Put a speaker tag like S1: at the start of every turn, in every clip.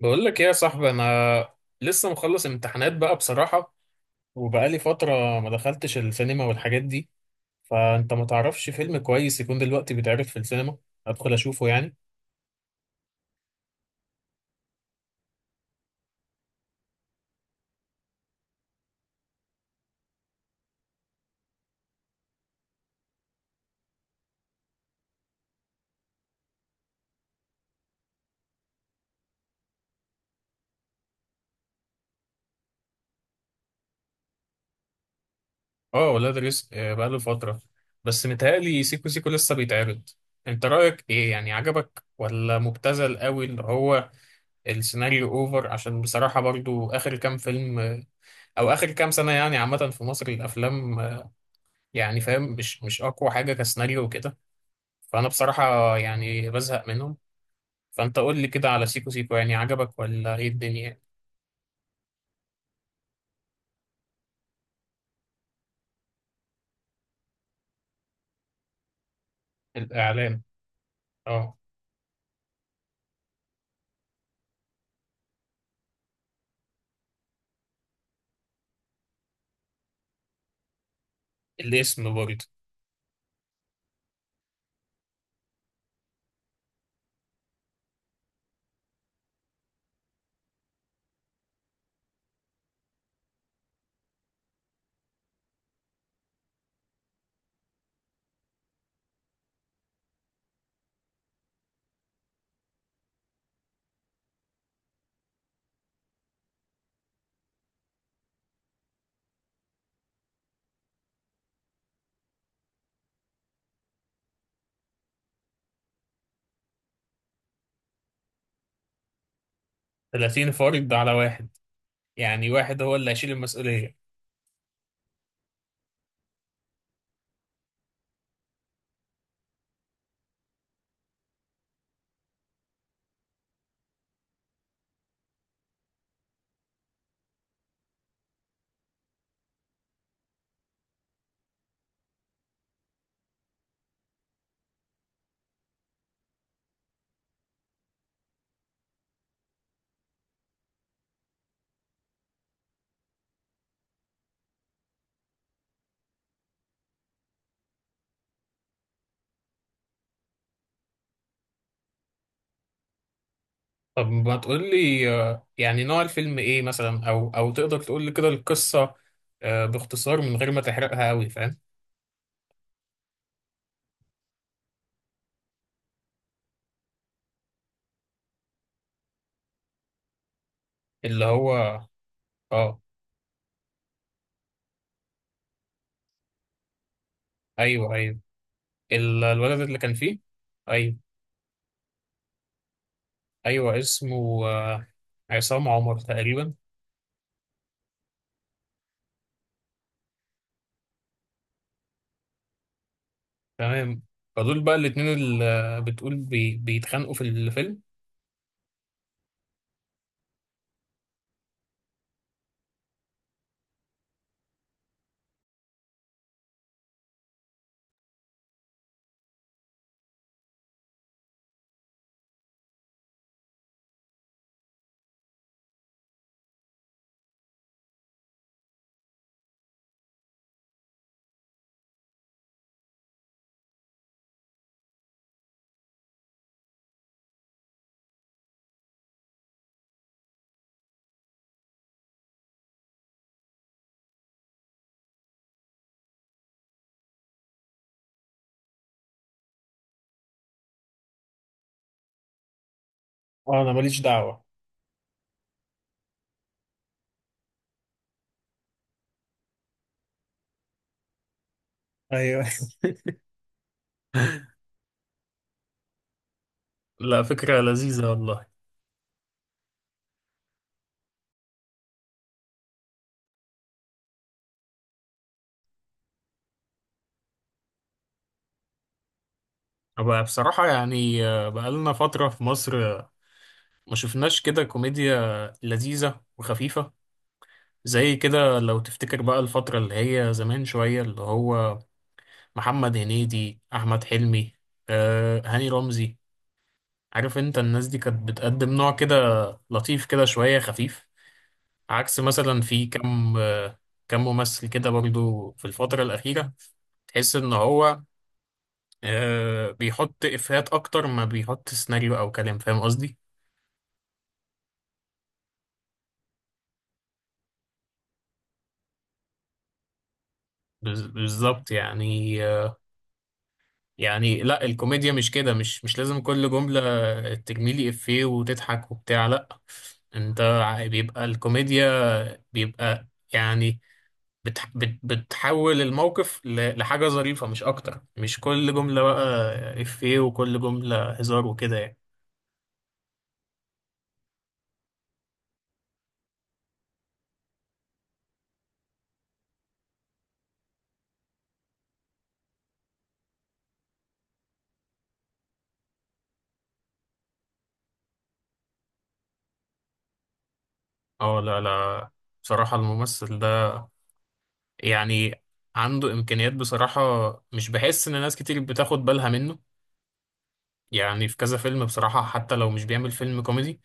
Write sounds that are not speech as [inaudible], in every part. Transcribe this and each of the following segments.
S1: بقول لك ايه يا صاحبي؟ انا لسه مخلص امتحانات بقى بصراحة، وبقالي فترة ما دخلتش السينما والحاجات دي. فانت ما تعرفش فيلم كويس يكون دلوقتي بيتعرض في السينما ادخل اشوفه يعني؟ اه، ولاد رزق بقاله فترة، بس متهيألي سيكو سيكو لسه بيتعرض. انت رأيك ايه يعني؟ عجبك ولا مبتذل قوي اللي هو السيناريو اوفر؟ عشان بصراحة برضو اخر كام فيلم او اخر كام سنة يعني، عامة في مصر الافلام يعني فاهم، مش اقوى حاجة كسيناريو وكده. فانا بصراحة يعني بزهق منهم. فانت قول لي كده على سيكو سيكو، يعني عجبك ولا ايه الدنيا؟ الاعلان، اه. الاسم برضه. 30 فرد على واحد؟ يعني واحد هو اللي هيشيل المسؤولية؟ طب ما تقول لي يعني نوع الفيلم ايه مثلا، او او تقدر تقول لي كده القصة باختصار من غير ما تحرقها قوي، فاهم؟ اللي هو؟ اه. ايوه، ايوه، الولد اللي كان فيه. ايوه. ايوه اسمه عصام عمر تقريبا. تمام. فدول بقى الاتنين اللي بتقول بيتخانقوا في الفيلم؟ اه، انا ماليش دعوة. ايوه. [laughs] لا، فكرة لذيذة والله. بقى بصراحة يعني بقالنا فترة في مصر ما شفناش كده كوميديا لذيذة وخفيفة، زي كده لو تفتكر بقى الفترة اللي هي زمان شوية، اللي هو محمد هنيدي، أحمد حلمي، هاني رمزي. عارف انت الناس دي كانت بتقدم نوع كده لطيف كده شوية خفيف، عكس مثلا في كم كم ممثل كده برضو في الفترة الأخيرة، تحس إن هو بيحط إفيهات أكتر ما بيحط سيناريو أو كلام، فاهم قصدي؟ بالظبط يعني يعني لا، الكوميديا مش كده، مش لازم كل جملة ترميلي إفيه وتضحك وبتاع، لا. بيبقى الكوميديا، بيبقى يعني بتحول الموقف لحاجة ظريفة مش أكتر، مش كل جملة بقى إفيه وكل جملة هزار وكده يعني. اه، لا لا. بصراحة الممثل ده يعني عنده إمكانيات بصراحة. مش بحس إن ناس كتير بتاخد بالها منه، يعني في كذا فيلم بصراحة حتى لو مش بيعمل فيلم كوميدي،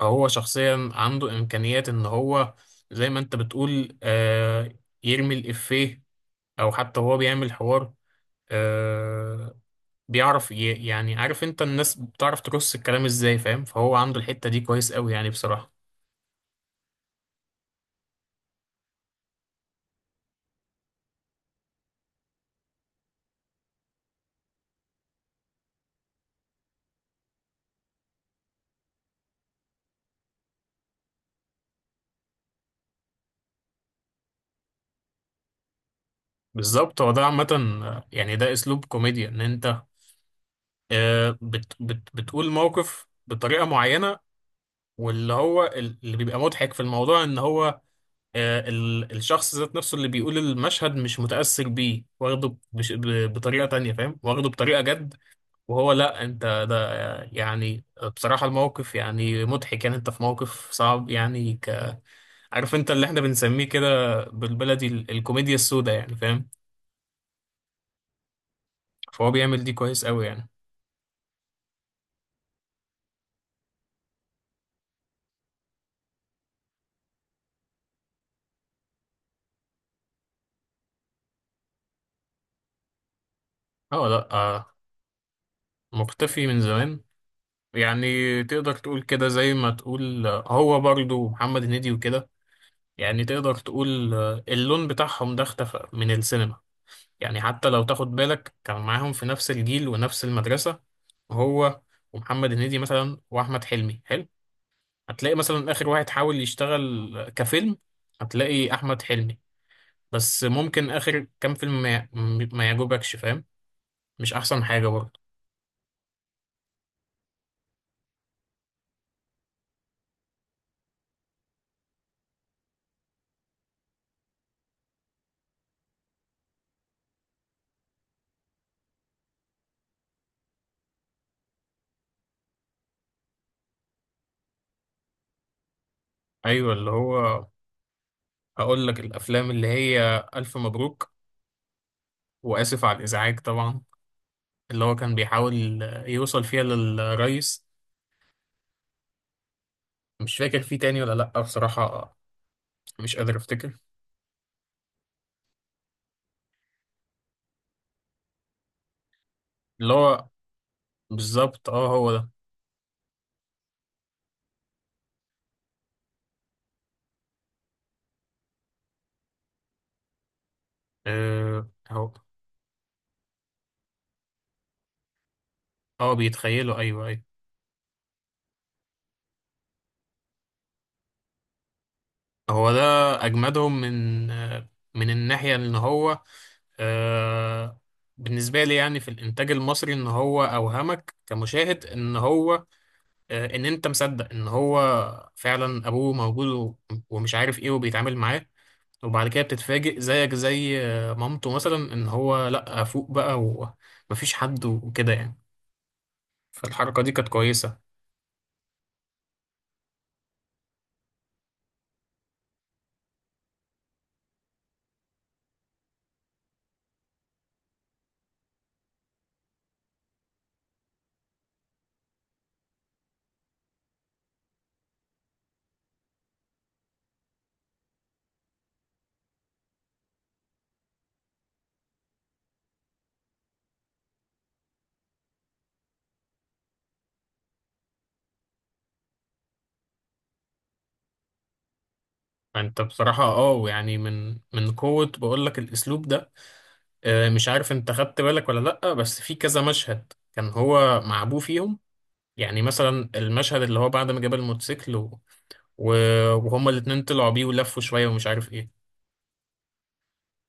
S1: هو شخصيا عنده إمكانيات إن هو زي ما أنت بتقول آه، يرمي الإفيه أو حتى هو بيعمل حوار آه، بيعرف يعني عارف انت، الناس بتعرف ترص الكلام ازاي، فاهم؟ فهو عنده الحتة دي كويس قوي يعني بصراحة. بالظبط، هو ده عامة يعني ده اسلوب كوميديا، ان انت بتقول موقف بطريقة معينة، واللي هو اللي بيبقى مضحك في الموضوع ان هو الشخص ذات نفسه اللي بيقول المشهد مش متأثر بيه، واخده بطريقة تانية، فاهم؟ واخده بطريقة جد وهو لا، انت ده يعني بصراحة الموقف يعني مضحك، يعني انت في موقف صعب يعني. عارف انت اللي احنا بنسميه كده بالبلدي الكوميديا السوداء، يعني فاهم؟ فهو بيعمل دي كويس قوي يعني. اه، لا آه، مختفي من زمان. يعني تقدر تقول كده، زي ما تقول هو برضو محمد هنيدي وكده، يعني تقدر تقول آه، اللون بتاعهم ده اختفى من السينما. يعني حتى لو تاخد بالك كان معاهم في نفس الجيل ونفس المدرسة، هو ومحمد هنيدي مثلا واحمد حلمي. حلو. هتلاقي مثلا اخر واحد حاول يشتغل كفيلم، هتلاقي احمد حلمي. بس ممكن آخر كام فيلم ما, ي- م- ما يعجبكش، فاهم؟ مش أحسن حاجة برضه. أيوة، اللي هو هقول لك الأفلام اللي هي ألف مبروك وآسف على الإزعاج طبعا، اللي هو كان بيحاول يوصل فيها للرئيس. مش فاكر فيه تاني ولا لأ بصراحة، مش قادر أفتكر. اللي هو بالظبط، اه هو ده. اه، هو. اه، بيتخيلوا. أيوة أيوة، هو ده أجمدهم من من الناحية إن هو آه، بالنسبة لي يعني في الإنتاج المصري، إن هو أوهمك كمشاهد إن هو إن أنت مصدق إن هو فعلا أبوه موجود ومش عارف إيه وبيتعامل معاه، وبعد كده بتتفاجئ زيك زي مامته مثلا، إن هو لأ فوق بقى، ومفيش حد وكده يعني. فالحركة دي كانت كويسة. فأنت بصراحة أه، يعني من قوة بقولك الأسلوب ده مش عارف أنت خدت بالك ولا لأ، بس في كذا مشهد كان هو مع أبوه فيهم. يعني مثلا المشهد اللي هو بعد ما جاب الموتوسيكل وهما الاتنين طلعوا بيه ولفوا شوية ومش عارف ايه،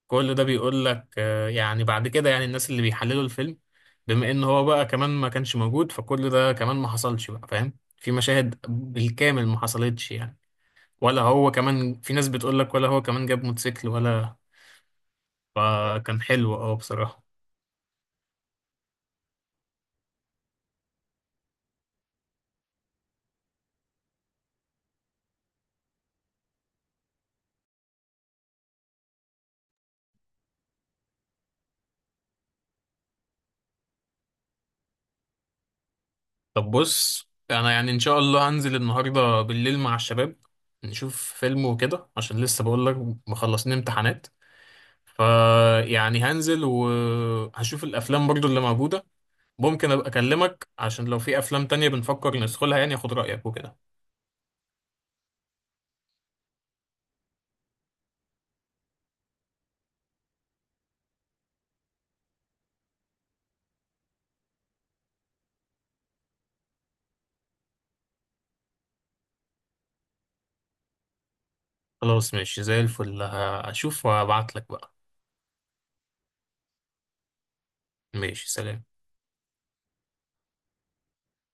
S1: كل ده بيقول لك يعني بعد كده يعني الناس اللي بيحللوا الفيلم، بما ان هو بقى كمان ما كانش موجود، فكل ده كمان ما حصلش بقى، فاهم؟ في مشاهد بالكامل ما حصلتش يعني. ولا هو كمان في ناس بتقول لك ولا هو كمان جاب موتوسيكل ولا. فكان حلو اه بصراحة. طب بص، انا يعني ان شاء الله هنزل النهارده بالليل مع الشباب، نشوف فيلم وكده، عشان لسه بقول لك مخلصين امتحانات. فيعني هنزل وهشوف الافلام برضو اللي موجوده. ممكن ابقى اكلمك عشان لو في افلام تانية بنفكر ندخلها، يعني اخد رايك وكده. خلاص ماشي زي الفل، هشوف وابعت لك بقى. ماشي، سلام.